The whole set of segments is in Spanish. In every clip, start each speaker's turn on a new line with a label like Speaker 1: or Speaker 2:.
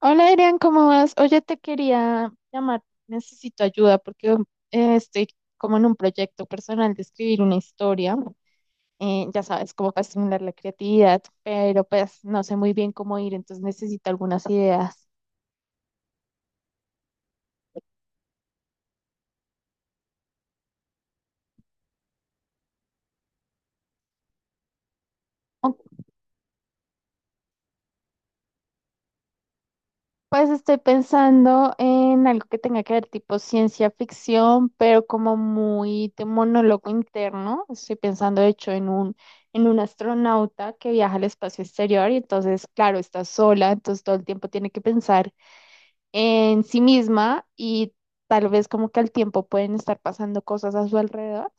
Speaker 1: Hola, Adrián, ¿cómo vas? Oye, te quería llamar, necesito ayuda porque estoy como en un proyecto personal de escribir una historia, ya sabes, como para estimular la creatividad, pero pues no sé muy bien cómo ir, entonces necesito algunas ideas. Pues estoy pensando en algo que tenga que ver tipo ciencia ficción, pero como muy de monólogo interno. Estoy pensando, de hecho, en un astronauta que viaja al espacio exterior y entonces, claro, está sola, entonces todo el tiempo tiene que pensar en sí misma y tal vez como que al tiempo pueden estar pasando cosas a su alrededor.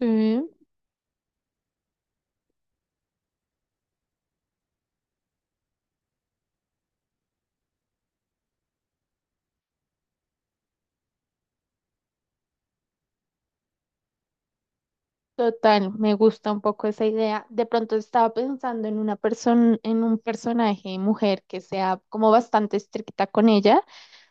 Speaker 1: Sí. Total, me gusta un poco esa idea. De pronto estaba pensando en una persona, en un personaje mujer que sea como bastante estricta con ella.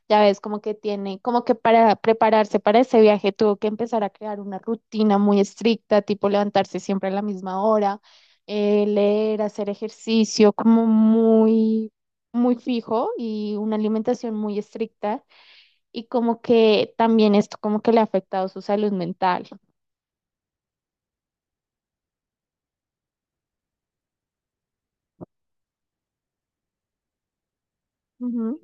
Speaker 1: Ya ves, como que para prepararse para ese viaje tuvo que empezar a crear una rutina muy estricta, tipo levantarse siempre a la misma hora, leer, hacer ejercicio, muy fijo y una alimentación muy estricta. Y como que también esto como que le ha afectado su salud mental. Ujú.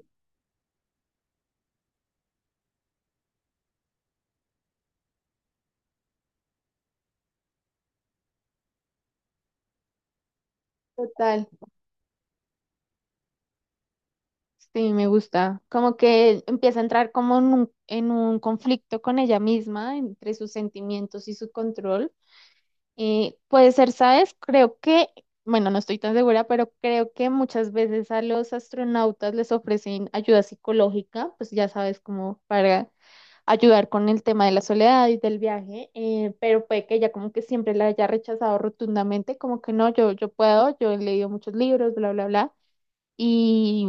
Speaker 1: Total. Sí, me gusta. Como que empieza a entrar como en un conflicto con ella misma, entre sus sentimientos y su control. Puede ser, ¿sabes? Creo que, bueno, no estoy tan segura, pero creo que muchas veces a los astronautas les ofrecen ayuda psicológica, pues ya sabes, como para ayudar con el tema de la soledad y del viaje, pero puede que ella como que siempre la haya rechazado rotundamente, como que no, yo puedo, yo he leído muchos libros, bla, bla, bla y,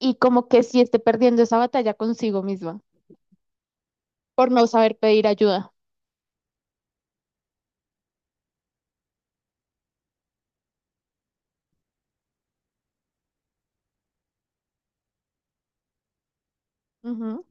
Speaker 1: y como que sí esté perdiendo esa batalla consigo misma por no saber pedir ayuda. Ujú,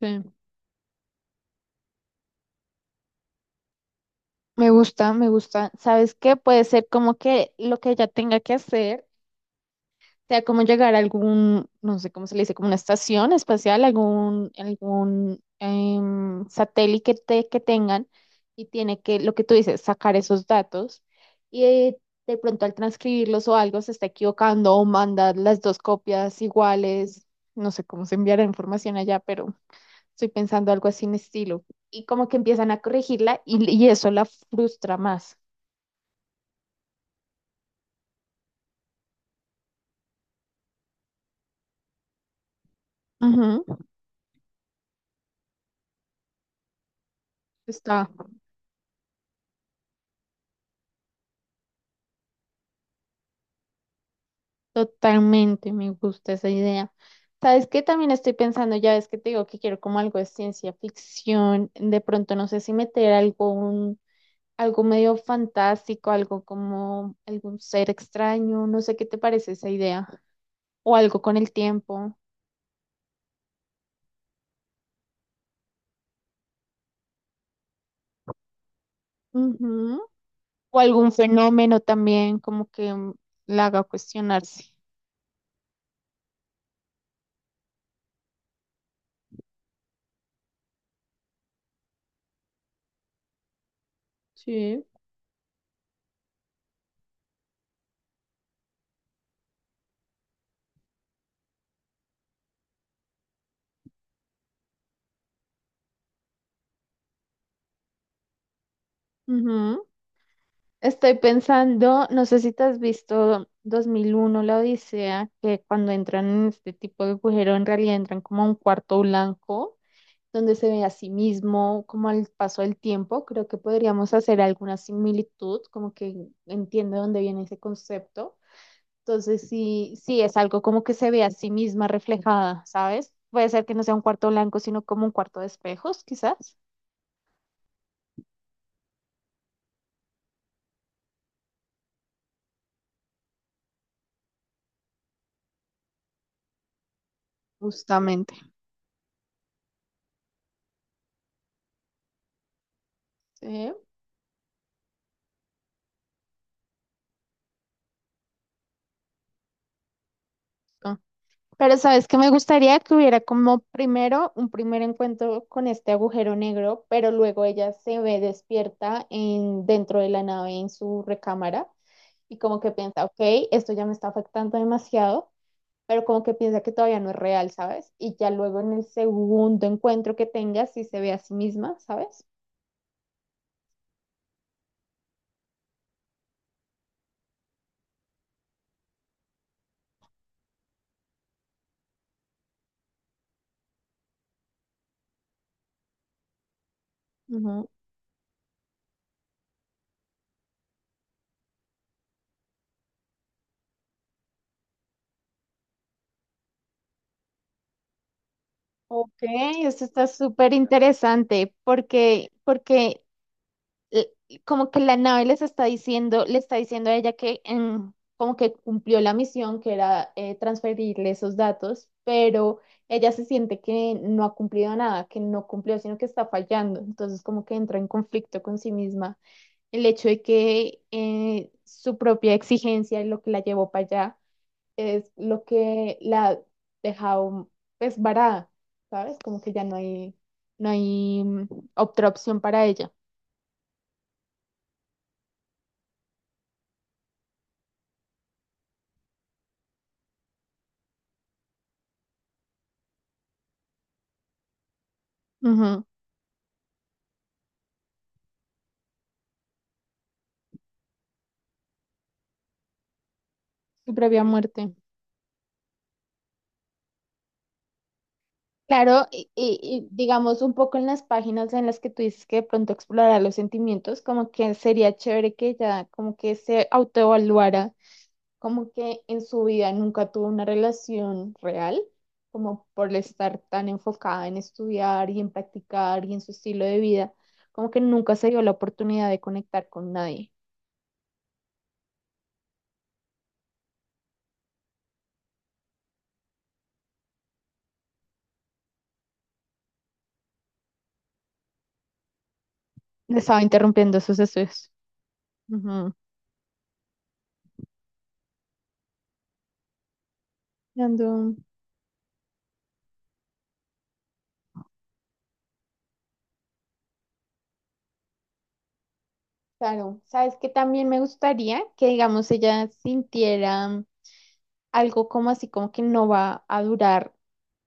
Speaker 1: sí. Me gusta, me gusta. ¿Sabes qué? Puede ser como que lo que ella tenga que hacer sea como llegar a algún, no sé cómo se le dice, como una estación espacial, algún satélite que, que tengan y tiene que, lo que tú dices, sacar esos datos y de pronto al transcribirlos o algo se está equivocando o manda las dos copias iguales, no sé cómo se enviará información allá, pero estoy pensando algo así en estilo. Y como que empiezan a corregirla y eso la frustra más. Ujú. Está. Totalmente, me gusta esa idea. ¿Sabes qué? También estoy pensando, ya ves que te digo que quiero como algo de ciencia ficción, de pronto no sé si meter algo, algo medio fantástico, algo como algún ser extraño, no sé qué te parece esa idea, o algo con el tiempo. Ujú. O algún fenómeno también como que la haga cuestionarse. Sí. Estoy pensando, no sé si te has visto 2001 la Odisea, que cuando entran en este tipo de agujero, en realidad entran como a un cuarto blanco, donde se ve a sí mismo, como al paso del tiempo. Creo que podríamos hacer alguna similitud, como que entiende dónde viene ese concepto. Entonces, sí, sí, es algo como que se ve a sí misma reflejada, ¿sabes? Puede ser que no sea un cuarto blanco, sino como un cuarto de espejos, quizás. Justamente. Sí. Pero sabes que me gustaría que hubiera como primero un primer encuentro con este agujero negro, pero luego ella se ve despierta en, dentro de la nave en su recámara y como que piensa, ok, esto ya me está afectando demasiado, pero como que piensa que todavía no es real, ¿sabes? Y ya luego en el segundo encuentro que tenga, si se ve a sí misma, ¿sabes? Ujú. Ok, esto está súper interesante porque eh, como que la nave les está diciendo, le está diciendo a ella que como que cumplió la misión, que era transferirle esos datos, pero ella se siente que no ha cumplido nada, que no cumplió, sino que está fallando. Entonces como que entra en conflicto con sí misma. El hecho de que su propia exigencia y lo que la llevó para allá es lo que la ha dejado pues varada, ¿sabes? Como que ya no hay, no hay otra opción para ella. Tu propia muerte. Claro, y digamos un poco en las páginas en las que tú dices que de pronto explorara los sentimientos, como que sería chévere que ella como que se autoevaluara, como que en su vida nunca tuvo una relación real, como por estar tan enfocada en estudiar y en practicar y en su estilo de vida, como que nunca se dio la oportunidad de conectar con nadie. Le estaba interrumpiendo sus estudios. Ujú. Ando- Claro, sabes que también me gustaría que, digamos, ella sintiera algo como así, como que no va a durar,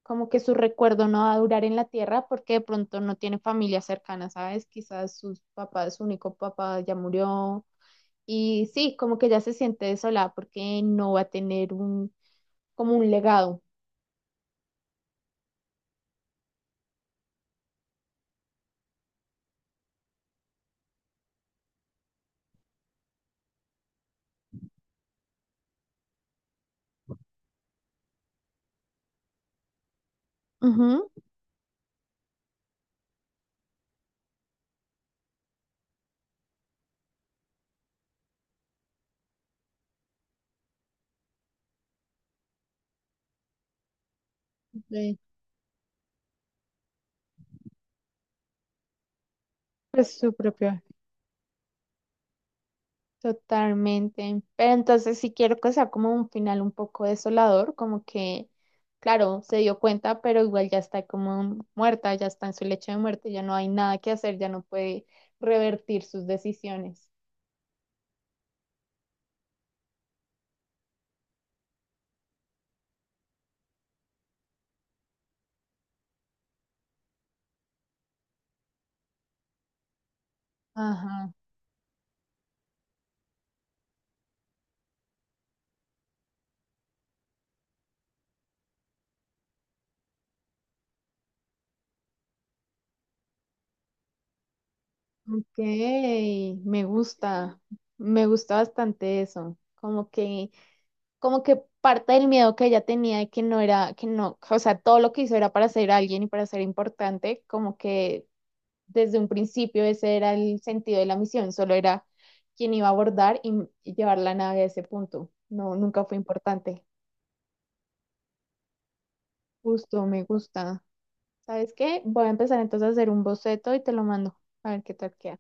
Speaker 1: como que su recuerdo no va a durar en la tierra porque de pronto no tiene familia cercana, ¿sabes? Quizás sus papás, su único papá ya murió y sí, como que ya se siente desolada porque no va a tener un, como un legado. Ujú. De, pues su propio Totalmente. Pero entonces sí quiero que sea como un final un poco desolador, como que, claro, se dio cuenta, pero igual ya está como muerta, ya está en su lecho de muerte, ya no hay nada que hacer, ya no puede revertir sus decisiones. Ajá. Ok, me gusta, me gusta bastante eso. Como que parte del miedo que ella tenía de que no era, que no, o sea, todo lo que hizo era para ser alguien y para ser importante, como que desde un principio ese era el sentido de la misión, solo era quien iba a abordar y llevar la nave a ese punto. No, nunca fue importante. Justo, me gusta. ¿Sabes qué? Voy a empezar entonces a hacer un boceto y te lo mando. A ver qué tal queda.